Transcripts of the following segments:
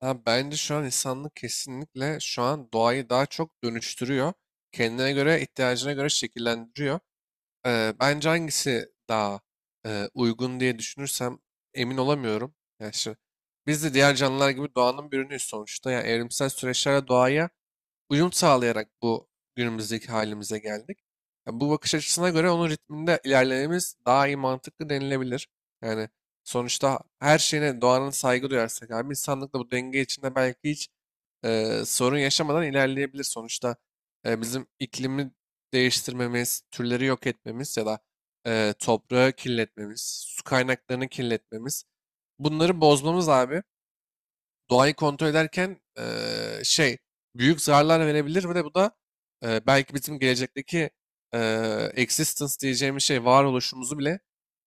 Ha, Bence şu an insanlık kesinlikle şu an doğayı daha çok dönüştürüyor. Kendine göre, ihtiyacına göre şekillendiriyor. Bence hangisi daha uygun diye düşünürsem emin olamıyorum. Yani şu- Biz de diğer canlılar gibi doğanın bir ürünüyüz sonuçta. Yani evrimsel süreçlerle doğaya uyum sağlayarak bu günümüzdeki halimize geldik. Ya bu bakış açısına göre onun ritminde ilerlememiz daha iyi mantıklı denilebilir. Yani sonuçta her şeyine doğanın saygı duyarsak abi insanlık da bu denge içinde belki hiç sorun yaşamadan ilerleyebilir. Sonuçta bizim iklimi değiştirmemiz, türleri yok etmemiz ya da toprağı kirletmemiz, su kaynaklarını kirletmemiz bunları bozmamız abi doğayı kontrol ederken büyük zararlar verebilir ve de bu da belki bizim gelecekteki existence diyeceğimiz şey varoluşumuzu bile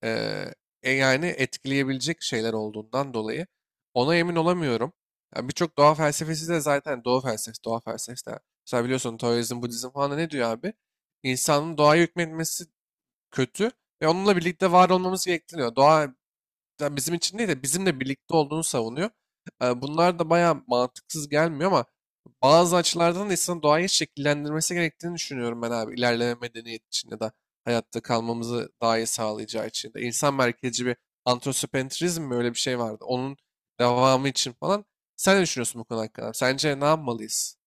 eee, yani etkileyebilecek şeyler olduğundan dolayı ona emin olamıyorum. Yani birçok doğa felsefesi de zaten doğa felsefesi de. Mesela biliyorsun Taoizm, Budizm falan da ne diyor abi? İnsanın doğaya hükmetmesi kötü ve onunla birlikte var olmamız gerektiriyor. Doğa yani bizim için değil de bizimle birlikte olduğunu savunuyor. Bunlar da bayağı mantıksız gelmiyor ama bazı açılardan da insanın doğayı şekillendirmesi gerektiğini düşünüyorum ben abi. İlerleme medeniyet için ya da hayatta kalmamızı daha iyi sağlayacağı için de. İnsan merkezci bir antroposentrizm mi öyle bir şey vardı. Onun devamı için falan. Sen ne düşünüyorsun bu konu hakkında? Sence ne yapmalıyız?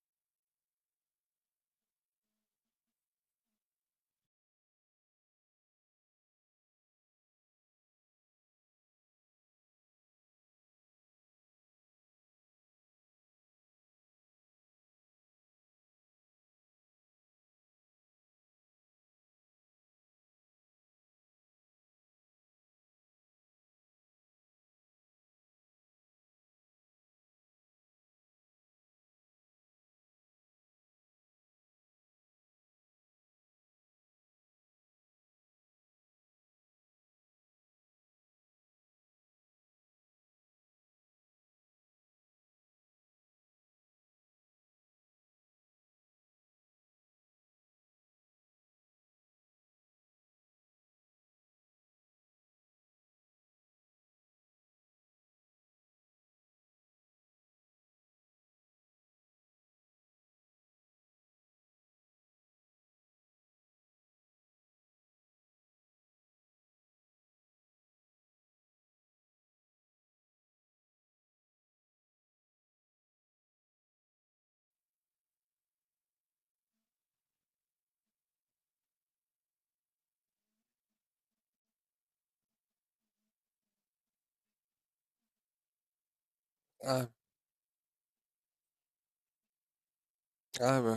Abi, abi,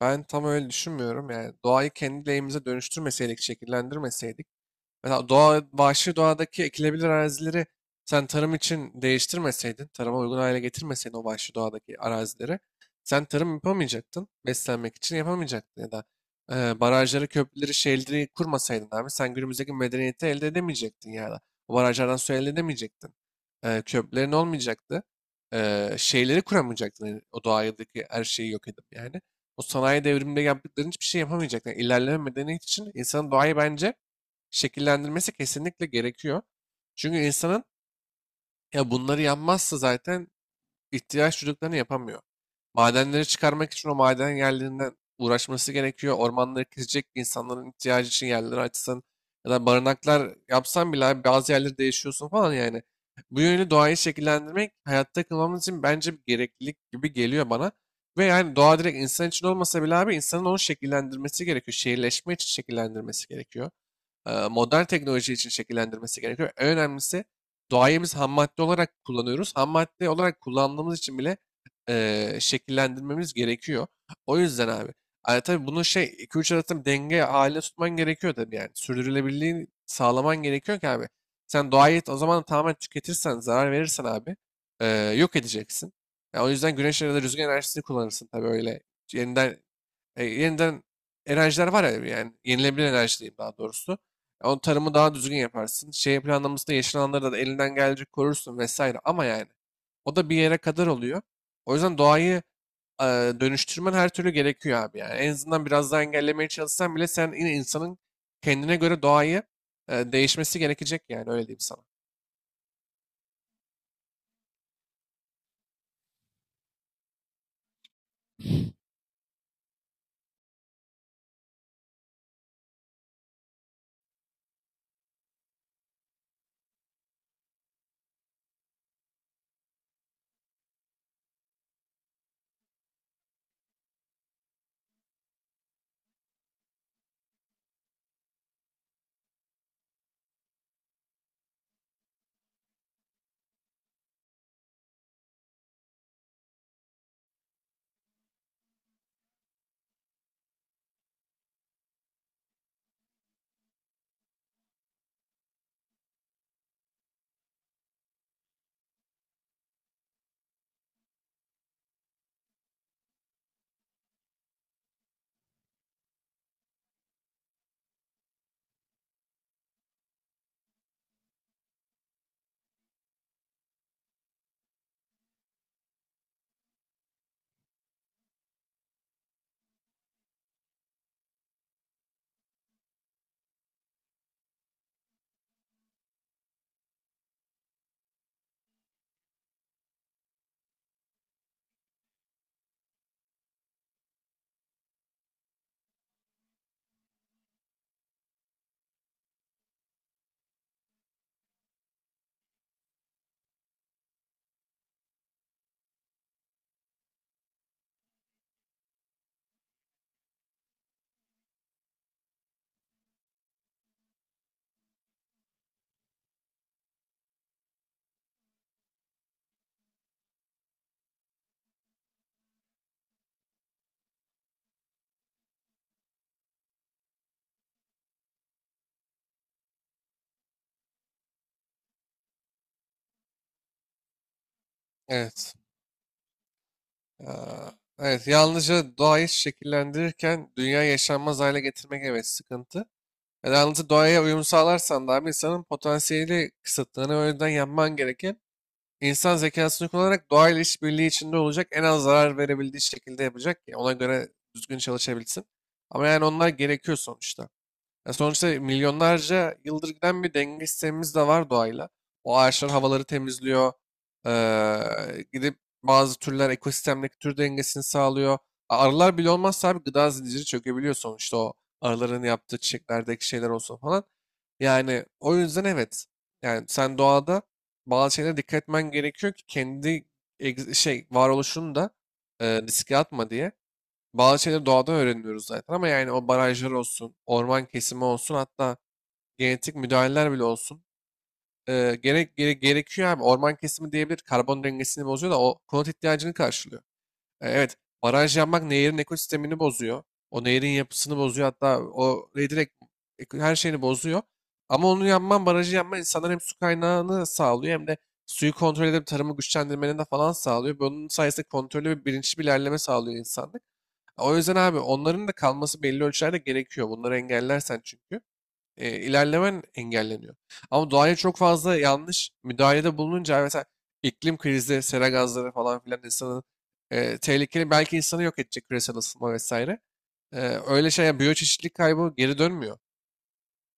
ben tam öyle düşünmüyorum yani. Doğayı kendi lehimize dönüştürmeseydik, şekillendirmeseydik, mesela doğa, vahşi doğadaki ekilebilir arazileri sen tarım için değiştirmeseydin, tarıma uygun hale getirmeseydin o vahşi doğadaki arazileri, sen tarım yapamayacaktın, beslenmek için yapamayacaktın ya da barajları, köprüleri, şehirleri kurmasaydın abi sen günümüzdeki medeniyeti elde edemeyecektin ya da o barajlardan su elde edemeyecektin. Köprülerin olmayacaktı. Şeyleri kuramayacaktın yani o doğadaki her şeyi yok edip yani. O sanayi devriminde yaptıkların hiçbir şey yapamayacaktın. Yani ilerleme medeniyet için insanın doğayı bence şekillendirmesi kesinlikle gerekiyor. Çünkü insanın ya bunları yapmazsa zaten ihtiyaç duyduklarını yapamıyor. Madenleri çıkarmak için o maden yerlerinden uğraşması gerekiyor. Ormanları kesecek insanların ihtiyacı için yerleri açsın. Ya da barınaklar yapsan bile abi bazı yerleri değişiyorsun falan yani. Bu yönü doğayı şekillendirmek hayatta kalmamız için bence bir gereklilik gibi geliyor bana. Ve yani doğa direkt insan için olmasa bile abi insanın onu şekillendirmesi gerekiyor. Şehirleşme için şekillendirmesi gerekiyor, modern teknoloji için şekillendirmesi gerekiyor. En önemlisi doğayımız biz ham madde olarak kullanıyoruz. Ham madde olarak kullandığımız için bile şekillendirmemiz gerekiyor. O yüzden abi. Yani tabii bunu şey 2-3 arasında denge halinde tutman gerekiyor tabii yani. Sürdürülebilirliğini sağlaman gerekiyor ki abi. Sen doğayı o zaman tamamen tüketirsen, zarar verirsen abi e, yok edeceksin. Ya o yüzden güneş enerjisi, rüzgar enerjisini kullanırsın tabii öyle. Yeniden yeniden enerjiler var ya yani yenilebilir enerji diyeyim daha doğrusu. Onun tarımı daha düzgün yaparsın. Şey planlamasında yeşil alanları da elinden gelecek korursun vesaire. Ama yani o da bir yere kadar oluyor. O yüzden doğayı e, dönüştürmen her türlü gerekiyor abi yani. En azından biraz daha engellemeye çalışsan bile sen yine insanın kendine göre doğayı değişmesi gerekecek yani öyle diyeyim sana. Evet. Aa, evet, yalnızca doğayı şekillendirirken dünya yaşanmaz hale getirmek evet sıkıntı. Yalnız doğaya uyum sağlarsan da abi insanın potansiyeli kısıtlarını o yüzden yapman gereken insan zekasını kullanarak doğayla işbirliği içinde olacak en az zarar verebildiği şekilde yapacak ki ona göre düzgün çalışabilsin. Ama yani onlar gerekiyor sonuçta. Ya sonuçta milyonlarca yıldır giden bir denge sistemimiz de var doğayla. O ağaçlar havaları temizliyor. Gidip bazı türler ekosistemdeki tür dengesini sağlıyor. Arılar bile olmazsa abi gıda zinciri çökebiliyor sonuçta o arıların yaptığı çiçeklerdeki şeyler olsun falan. Yani o yüzden evet. Yani sen doğada bazı şeylere dikkat etmen gerekiyor ki kendi varoluşunu da riske atma diye. Bazı şeyleri doğadan öğreniyoruz zaten ama yani o barajlar olsun, orman kesimi olsun hatta genetik müdahaleler bile olsun. Gerekiyor abi. Orman kesimi diyebilir karbon dengesini bozuyor da o konut ihtiyacını karşılıyor. Evet, baraj yapmak nehirin ekosistemini bozuyor. O nehirin yapısını bozuyor hatta o neyi direkt her şeyini bozuyor. Ama onu yapman, barajı yapman insanlar hem su kaynağını sağlıyor hem de suyu kontrol edip tarımı güçlendirmenin de falan sağlıyor. Bunun sayesinde kontrollü ve bilinçli bir ilerleme sağlıyor insanlık. O yüzden abi onların da kalması belli ölçülerde gerekiyor. Bunları engellersen çünkü ilerlemen engelleniyor. Ama doğaya çok fazla yanlış müdahalede bulununca mesela iklim krizi, sera gazları falan filan insanı tehlikeli belki insanı yok edecek küresel ısınma vesaire. E, öyle şey yani biyoçeşitlilik kaybı geri dönmüyor.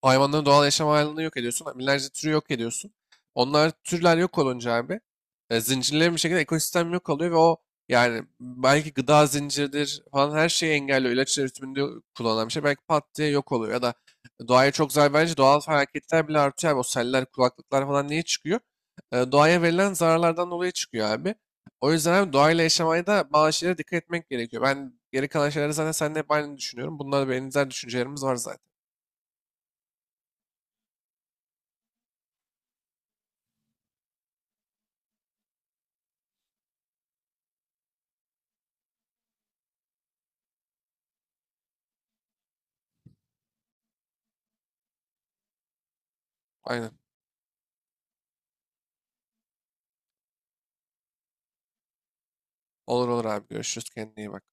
O hayvanların doğal yaşam alanını yok ediyorsun. Binlerce türü yok ediyorsun. Onlar türler yok olunca abi zincirlerin bir şekilde ekosistem yok oluyor ve o yani belki gıda zinciridir falan her şeyi engelliyor. İlaç üretiminde kullanılan bir şey belki pat diye yok oluyor. Ya da doğaya çok zarar verince doğal felaketler bile artıyor abi. O seller, kulaklıklar falan niye çıkıyor? Doğaya verilen zararlardan dolayı çıkıyor abi. O yüzden abi doğayla yaşamaya da bazı şeylere dikkat etmek gerekiyor. Ben geri kalan şeyleri zaten seninle hep aynı düşünüyorum. Bunlar benzer düşüncelerimiz var zaten. Aynen. Olur, olur abi görüşürüz, kendine iyi bak.